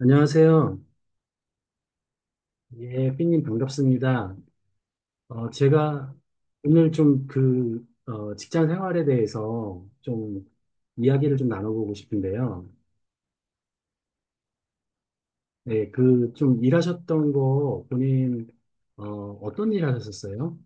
안녕하세요. 예, 삐님 반갑습니다. 제가 오늘 좀 직장 생활에 대해서 좀 이야기를 좀 나눠보고 싶은데요. 네, 그 좀 일하셨던 거 본인, 어, 어떤 일 하셨었어요?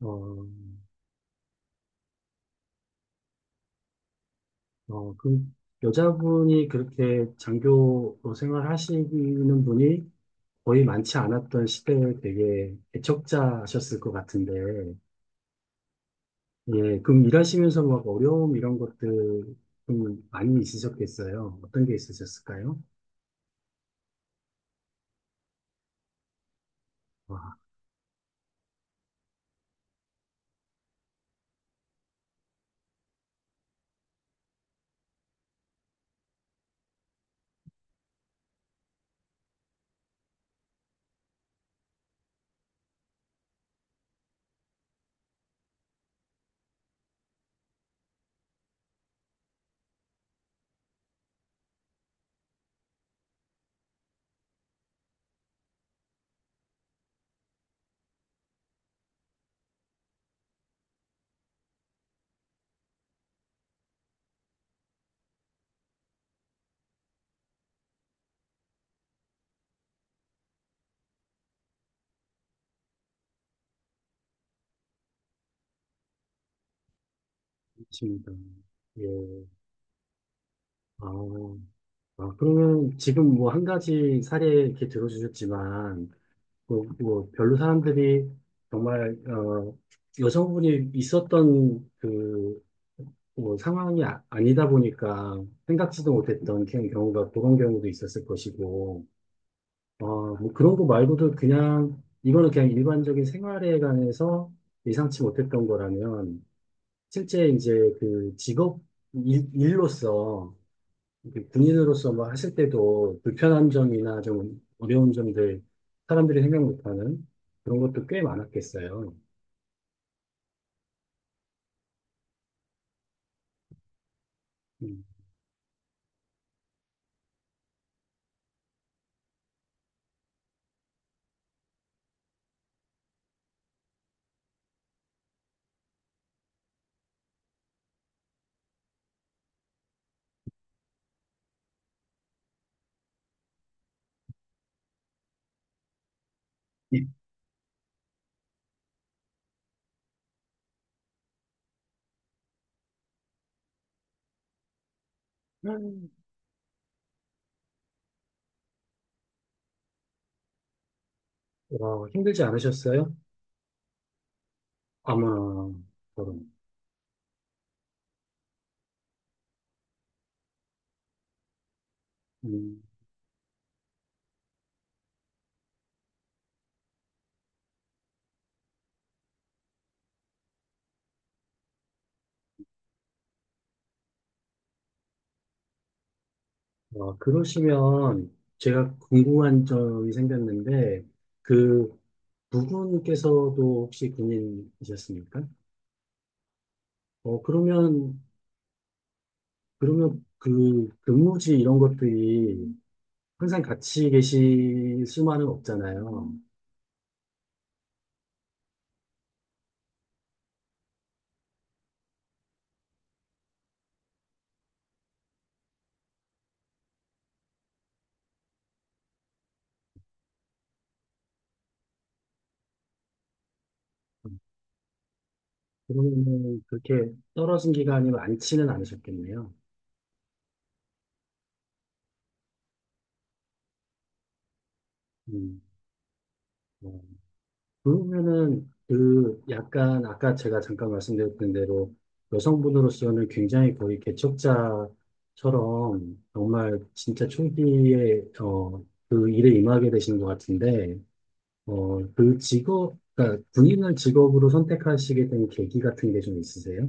어, 그 여자분이 그렇게 장교 생활하시는 분이 거의 많지 않았던 시대에 되게 애척자셨을 것 같은데, 예, 그럼 일하시면서 막 어려움 이런 것들 좀 많이 있으셨겠어요? 어떤 게 있으셨을까요? 와, 그렇습니다. 예, 아, 아, 그러면 지금 뭐 한 가지 사례 이렇게 들어주셨지만, 뭐, 뭐 별로 사람들이 정말, 여성분이 있었던 그, 뭐 상황이 니다 보니까 생각지도 못했던 그런 경우도 있었을 것이고, 뭐 그런 거 말고도 그냥, 이거는 그냥 일반적인 생활에 관해서 예상치 못했던 거라면, 실제 이제 그 직업, 일로서, 그 군인으로서 뭐 하실 때도 불편한 점이나 좀 어려운 점들, 사람들이 생각 못하는 그런 것도 꽤 많았겠어요. 음. 음. 와, 힘들지 않으셨어요? 아마, 그럼. 음. 어, 그러시면 제가 궁금한 점이 생겼는데, 그 부부께서도 혹시 군인이셨습니까? 어, 그러면, 그러면 그 근무지 이런 것들이 항상 같이 계실 수만은 없잖아요. 그러면 그렇게 떨어진 기간이 많지는 않으셨겠네요. 음, 어. 그러면은 그 약간 아까 제가 잠깐 말씀드렸던 대로 여성분으로서는 굉장히 거의 개척자처럼 정말 진짜 초기에 그 일에 임하게 되신 것 같은데 그 직업, 그러니까 군인을 직업으로 선택하시게 된 계기 같은 게 좀 있으세요?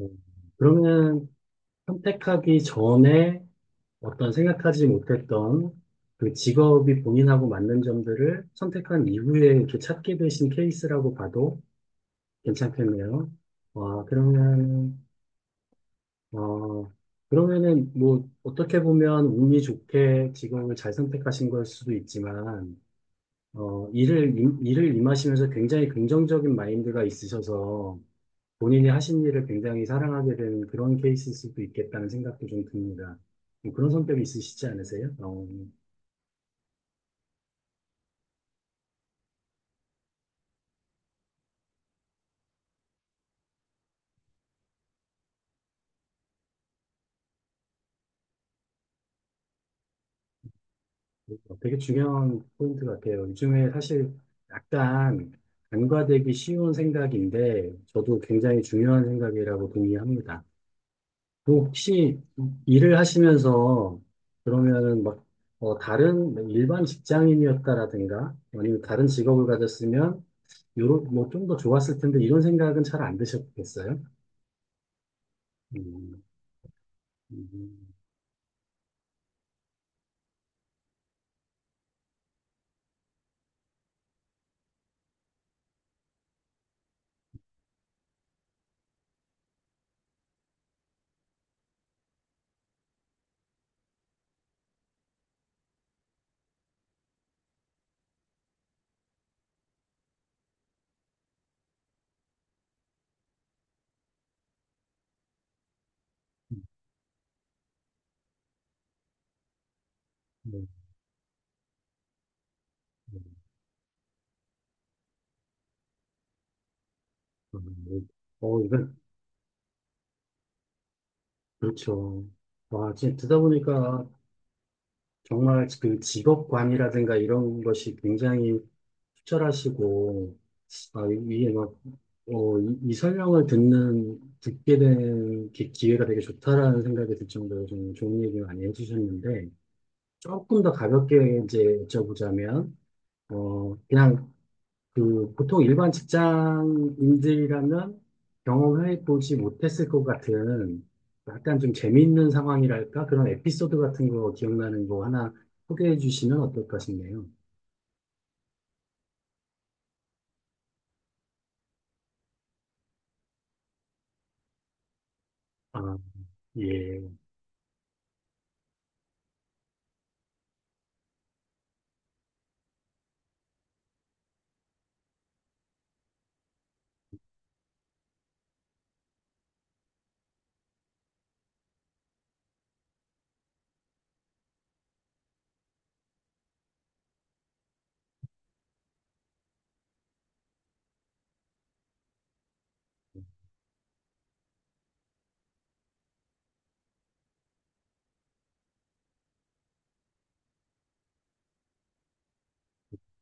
음, 그러면 선택하기 전에 어떤 생각하지 못했던 그 직업이 본인하고 맞는 점들을 선택한 이후에 이렇게 찾게 되신 케이스라고 봐도 괜찮겠네요. 와, 그러면, 어, 그러면은 뭐 어떻게 보면 운이 좋게 직업을 잘 선택하신 걸 수도 있지만, 어, 일을 임하시면서 굉장히 긍정적인 마인드가 있으셔서 본인이 하신 일을 굉장히 사랑하게 되는 그런 케이스일 수도 있겠다는 생각도 좀 듭니다. 뭐 그런 성격이 있으시지 않으세요? 어. 어, 되게 중요한 포인트 같아요. 요즘에 사실 약간 간과되기 쉬운 생각인데 저도 굉장히 중요한 생각이라고 동의합니다. 그 혹시 일을 하시면서 그러면은 막 다른 뭐 일반 직장인이었다라든가 아니면 다른 직업을 가졌으면 요런 뭐좀 더 좋았을 텐데 이런 생각은 잘 안 드셨겠어요? 음, 음, 음, 음, 음. 음. 어, 이건 그렇죠. 와, 지금 듣다 보니까 정말 그 직업관이라든가 이런 것이 굉장히 투철하시고, 아, 이게 막, 어, 이 설명을 듣게 된 기회가 되게 좋다라는 생각이 들 정도로 좀 좋은 얘기 많이 해주셨는데, 조금 더 가볍게 이제 여쭤보자면, 어, 그냥 그 보통 일반 직장인들이라면 경험해 보지 못했을 것 같은 약간 좀 재미있는 상황이랄까? 그런 에피소드 같은 거 기억나는 거 하나 소개해 주시면 어떨까 싶네요. 아, 예,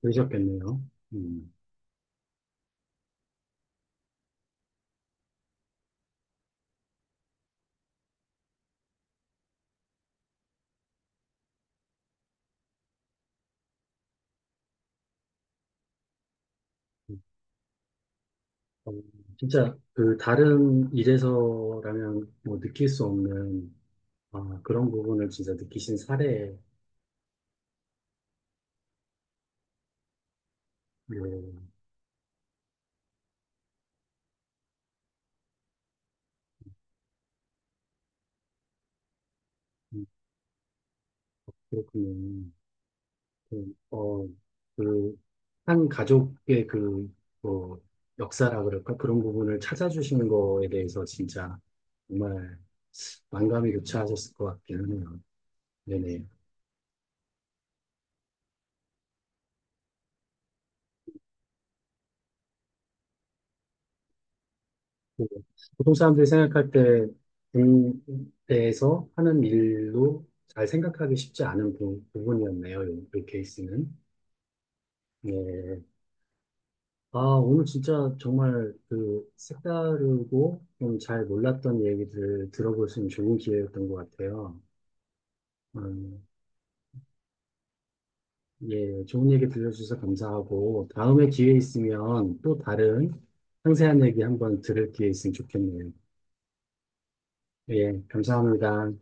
그러셨겠네요. 음. 어, 진짜 그 다른 일에서라면 뭐 느낄 수 없는 아, 그런 부분을 진짜 느끼신 사례, 예, 음, 그렇군요. 그, 어, 그, 한 가족의 그, 뭐, 역사라 그럴까? 그런 부분을 찾아주신 거에 대해서 진짜 정말 만감이 교차하셨을 것 같기는 해요. 네네. 그 보통 사람들이 생각할 때, 군대에서 하는 일로 잘 생각하기 쉽지 않은 부분이었네요. 이 케이스는. 네. 아, 오늘 진짜 정말 그 색다르고 좀 잘 몰랐던 얘기들 들어볼 수 있는 좋은 기회였던 것 같아요. 음, 예, 좋은 얘기 들려주셔서 감사하고, 다음에 기회 있으면 또 다른 상세한 얘기 한번 들을 기회 있으면 좋겠네요. 예, 감사합니다.